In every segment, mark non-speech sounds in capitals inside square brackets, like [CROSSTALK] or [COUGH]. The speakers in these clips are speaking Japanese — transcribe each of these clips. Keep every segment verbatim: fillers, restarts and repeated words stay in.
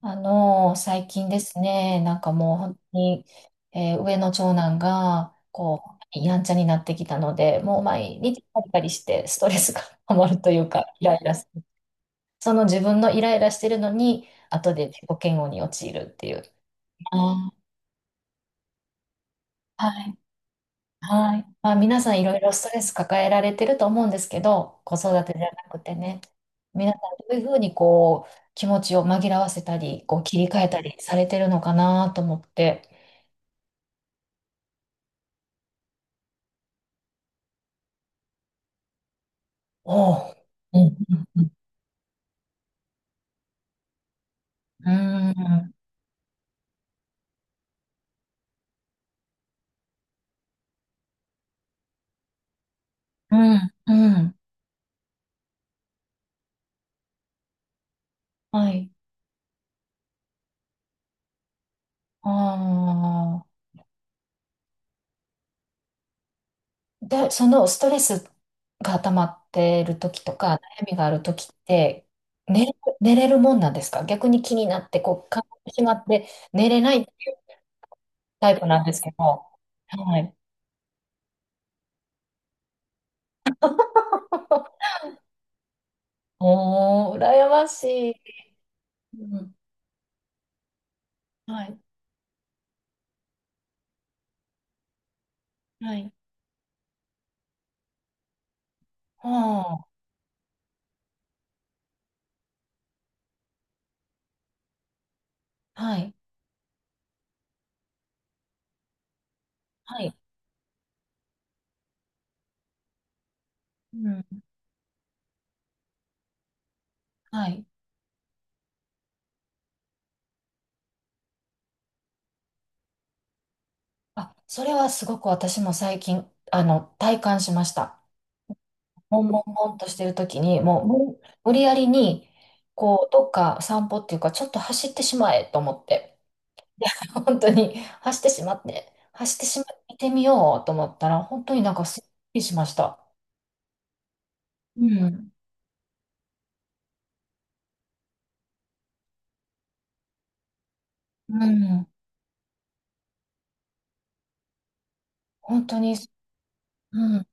あの、最近ですね、なんかもう本当に、えー上の長男が、こう、やんちゃになってきたので、もう毎日パリパリしてストレスが [LAUGHS] 溜まるというか、イライラする。その自分のイライラしてるのに、後で自己嫌悪に陥るっていう。あー、はい。はい。まあ、皆さんいろいろストレス抱えられてると思うんですけど、子育てじゃなくてね、皆さんどういうふうにこう、気持ちを紛らわせたり、こう、切り替えたりされてるのかなと思って。おう。うん、うん、うん、うん。うん、はい。ああ。で、そのストレスが溜まっている時とか、悩みがある時って、寝れ、寝れるもんなんですか？逆に気になって、こう、考えてしまって寝れないっていうタイプなんですけど。はい。[LAUGHS] おー、羨ましい。うん。はい。はい。おあ、はい。はい。うん。はい。あ、それはすごく私も最近、あの、体感しました。もんもんもんとしてる時に、もう、無無理やりに、こう、どっか散歩っていうか、ちょっと走ってしまえと思って、[LAUGHS] 本当に走ってしまって、走ってしまって見てみようと思ったら、本当になんかすっきりしました。うん。うん。本当に、うん。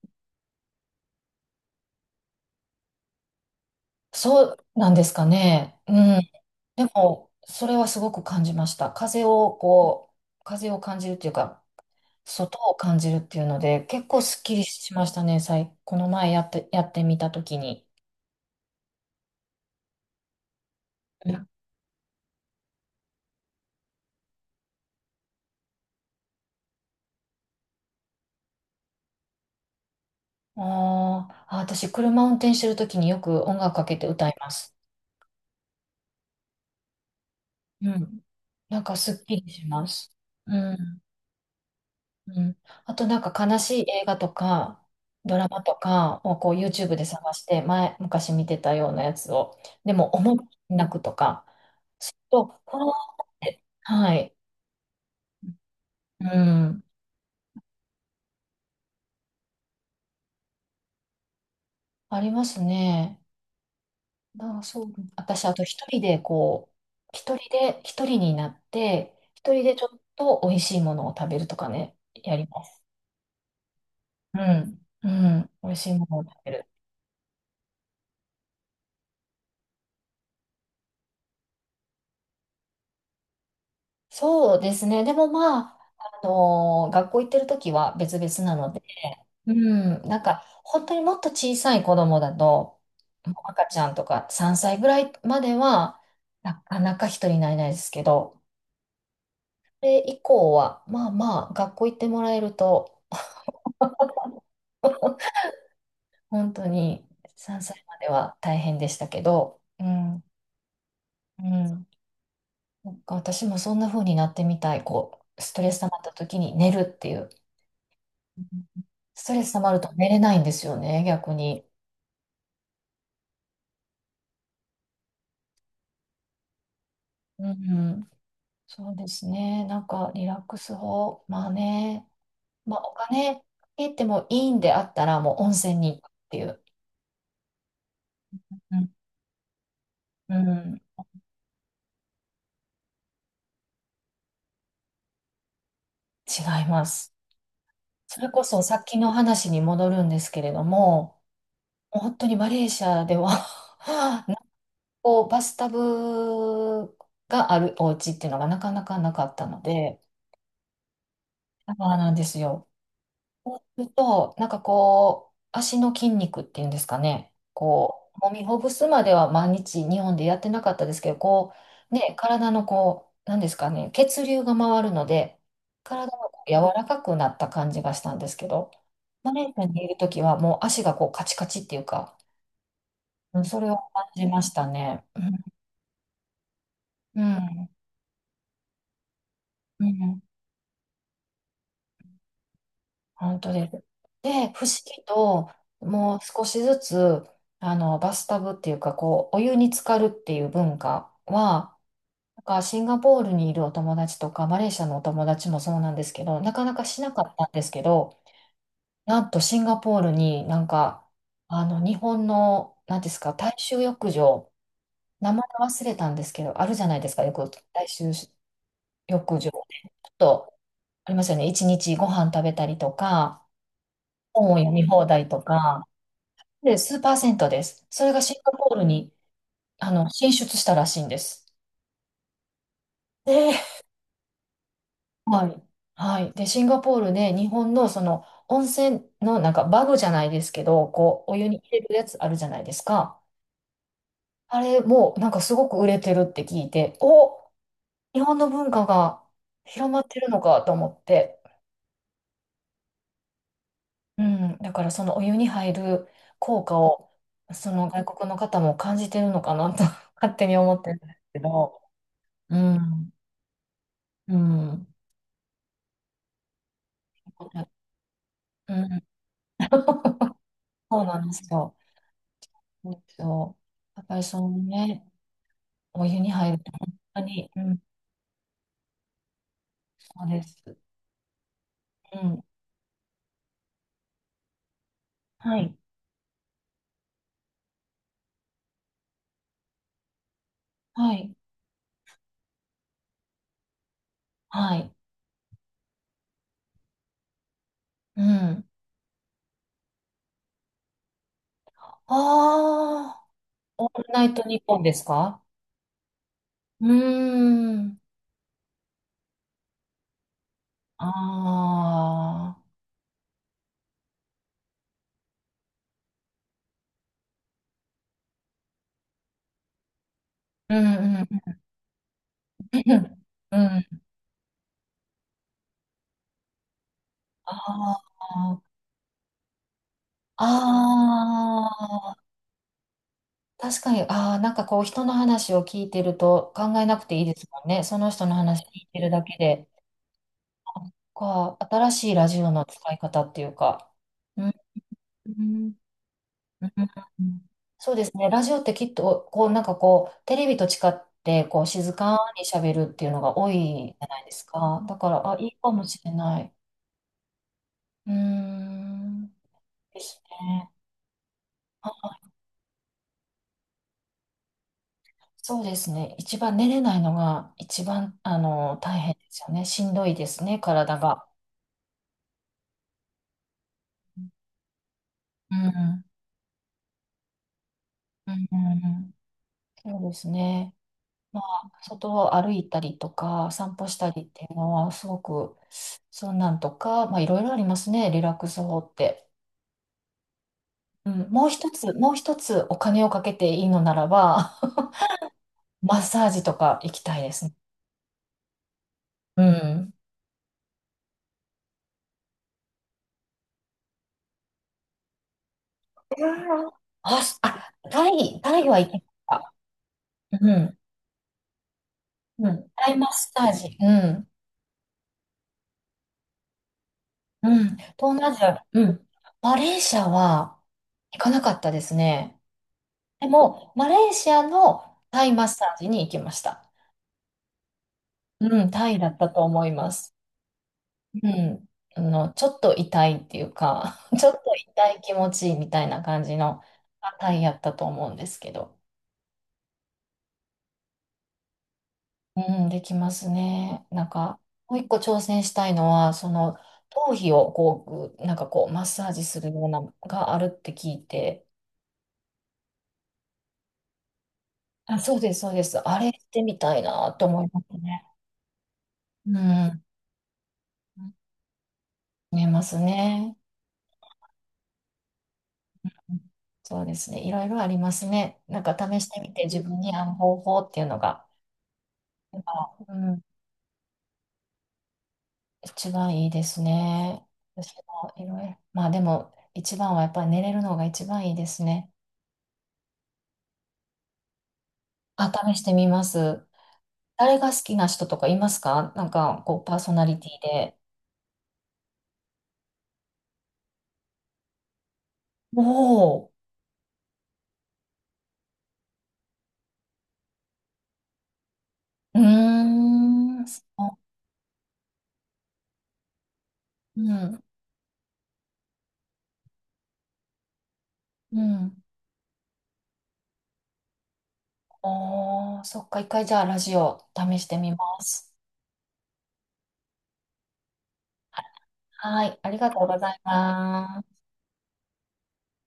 そうなんですかね。うん。でも、それはすごく感じました。風を、こう、風を感じるっていうか、外を感じるっていうので、結構すっきりしましたね、最、この前やって、やってみたときに。うん、あーあ、私、車運転してるときによく音楽かけて歌います。うん。なんかすっきりします。うん。うん。あと、なんか悲しい映画とか、ドラマとかをこう YouTube で探して、前、昔見てたようなやつを、でも、思い泣くとか、と、あーって、はい。うん。ありますね。ああ、そう。私、あと一人でこう、一人で、一人になって、一人でちょっと美味しいものを食べるとかね、やります。うん。うん。美味しいものを食べる。そうですね。でもまあ、あのー学校行ってる時は別々なので、うん。なんか、本当にもっと小さい子供だと、もう赤ちゃんとかさんさいぐらいまでは、なかなか一人になれないですけど、それ以降は、まあまあ、学校行ってもらえると、本当にさんさいまでは大変でしたけど、うん、うん、そっか私もそんな風になってみたい。こう、ストレス溜まった時に寝るっていう。うん、ストレス溜まると寝れないんですよね、逆に。うん、そうですね。なんかリラックス法、まあね、まあお金かけてもいいんであったらもう温泉に行くっていう。うん、うん、違います。それこそさっきの話に戻るんですけれども、もう本当にマレーシアでは [LAUGHS] こう、バスタブがあるお家っていうのがなかなかなかったので、そうなんですよ。そうすると、なんかこう、足の筋肉っていうんですかね、こう、揉みほぐすまでは毎日日本でやってなかったですけど、こう、ね、体のこう、なんですかね、血流が回るので、体がこう柔らかくなった感じがしたんですけど、マレーシアにいるときはもう足がこうカチカチっていうか、うん、それを感じましたね。うん。うん。うん、本当です。で、不思議と、もう少しずつ、あの、バスタブっていうか、こう、お湯に浸かるっていう文化は、なんかシンガポールにいるお友達とか、マレーシアのお友達もそうなんですけど、なかなかしなかったんですけど、なんとシンガポールになんか、あの、日本の、なんですか、大衆浴場、名前忘れたんですけど、あるじゃないですか、よく大衆浴場。ちょっと、ありますよね、一日ご飯食べたりとか、本を読み放題とか、で、数パーセントです。それがシンガポールに、あの、進出したらしいんです。で、はい。はい。で、シンガポールで日本のその温泉のなんかバグじゃないですけど、こう、お湯に入れるやつあるじゃないですか。あれもなんかすごく売れてるって聞いて、お、日本の文化が広まってるのかと思って。うん。だからそのお湯に入る効果を、その外国の方も感じてるのかなと [LAUGHS] 勝手に思ってるんですけど。うん。うん。うん、そうなんですよ。そうですよ。やっぱりそのね、お湯に入ると本当に、うん、そうです。うん。はい。はい。はい。うん。ああ、オールナイトニッポンですか？うーん。ああ、うん、うん、うん。[LAUGHS] うん。ああ、ああ、確かに、ああ、なんかこう人の話を聞いてると考えなくていいですもんね。その人の話聞いてるだけで。か、新しいラジオの使い方っていうか、うん、うん、うん、そうですね、ラジオってきっと、こう、なんかこう、テレビと違って、こう、静かに喋るっていうのが多いじゃないですか。だから、あ、いいかもしれない。うーん、ですね。あ、そうですね、一番寝れないのが、一番、あの、大変ですよね。しんどいですね、体が。うん、うん、うん、うん、そうですね。まあ、外を歩いたりとか、散歩したりっていうのは、すごく、そんなんとか、まあ、いろいろありますね、リラックス法って。うん、もう一つ、もう一つお金をかけていいのならば、[LAUGHS] マッサージとか行きたいですね。うん。うわー、あ、すあ、タイ、タイは行きました。うん。うん。タイマッサージ。うん。うん。東南アジア。うん。マレーシアは行かなかったですね。でも、マレーシアのタイマッサージに行きました。うん、タイだったと思います。うん。あの、ちょっと痛いっていうか、[LAUGHS] ちょっと痛い気持ちいいみたいな感じの、あ、タイやったと思うんですけど。うん、できますね。なんか、もう一個挑戦したいのは、その、頭皮をこう、ぐなんかこう、マッサージするようなのがあるって聞いて、あ、そうです、そうです。あれしてみたいなと思いますね。うん、見えますね。そうですね。いろいろありますね。なんか試してみて自分に合う方法っていうのが、やっぱ、うん、一番いいですね。私もいろいろ。まあでも、一番はやっぱり寝れるのが一番いいですね。あ、試してみます。誰が好きな人とかいますか？なんか、こう、パーソナリティで。おお、うーん、そう、うん、うん。おー、そっか、一回じゃあラジオ試してみます。はい、ありがとうございます。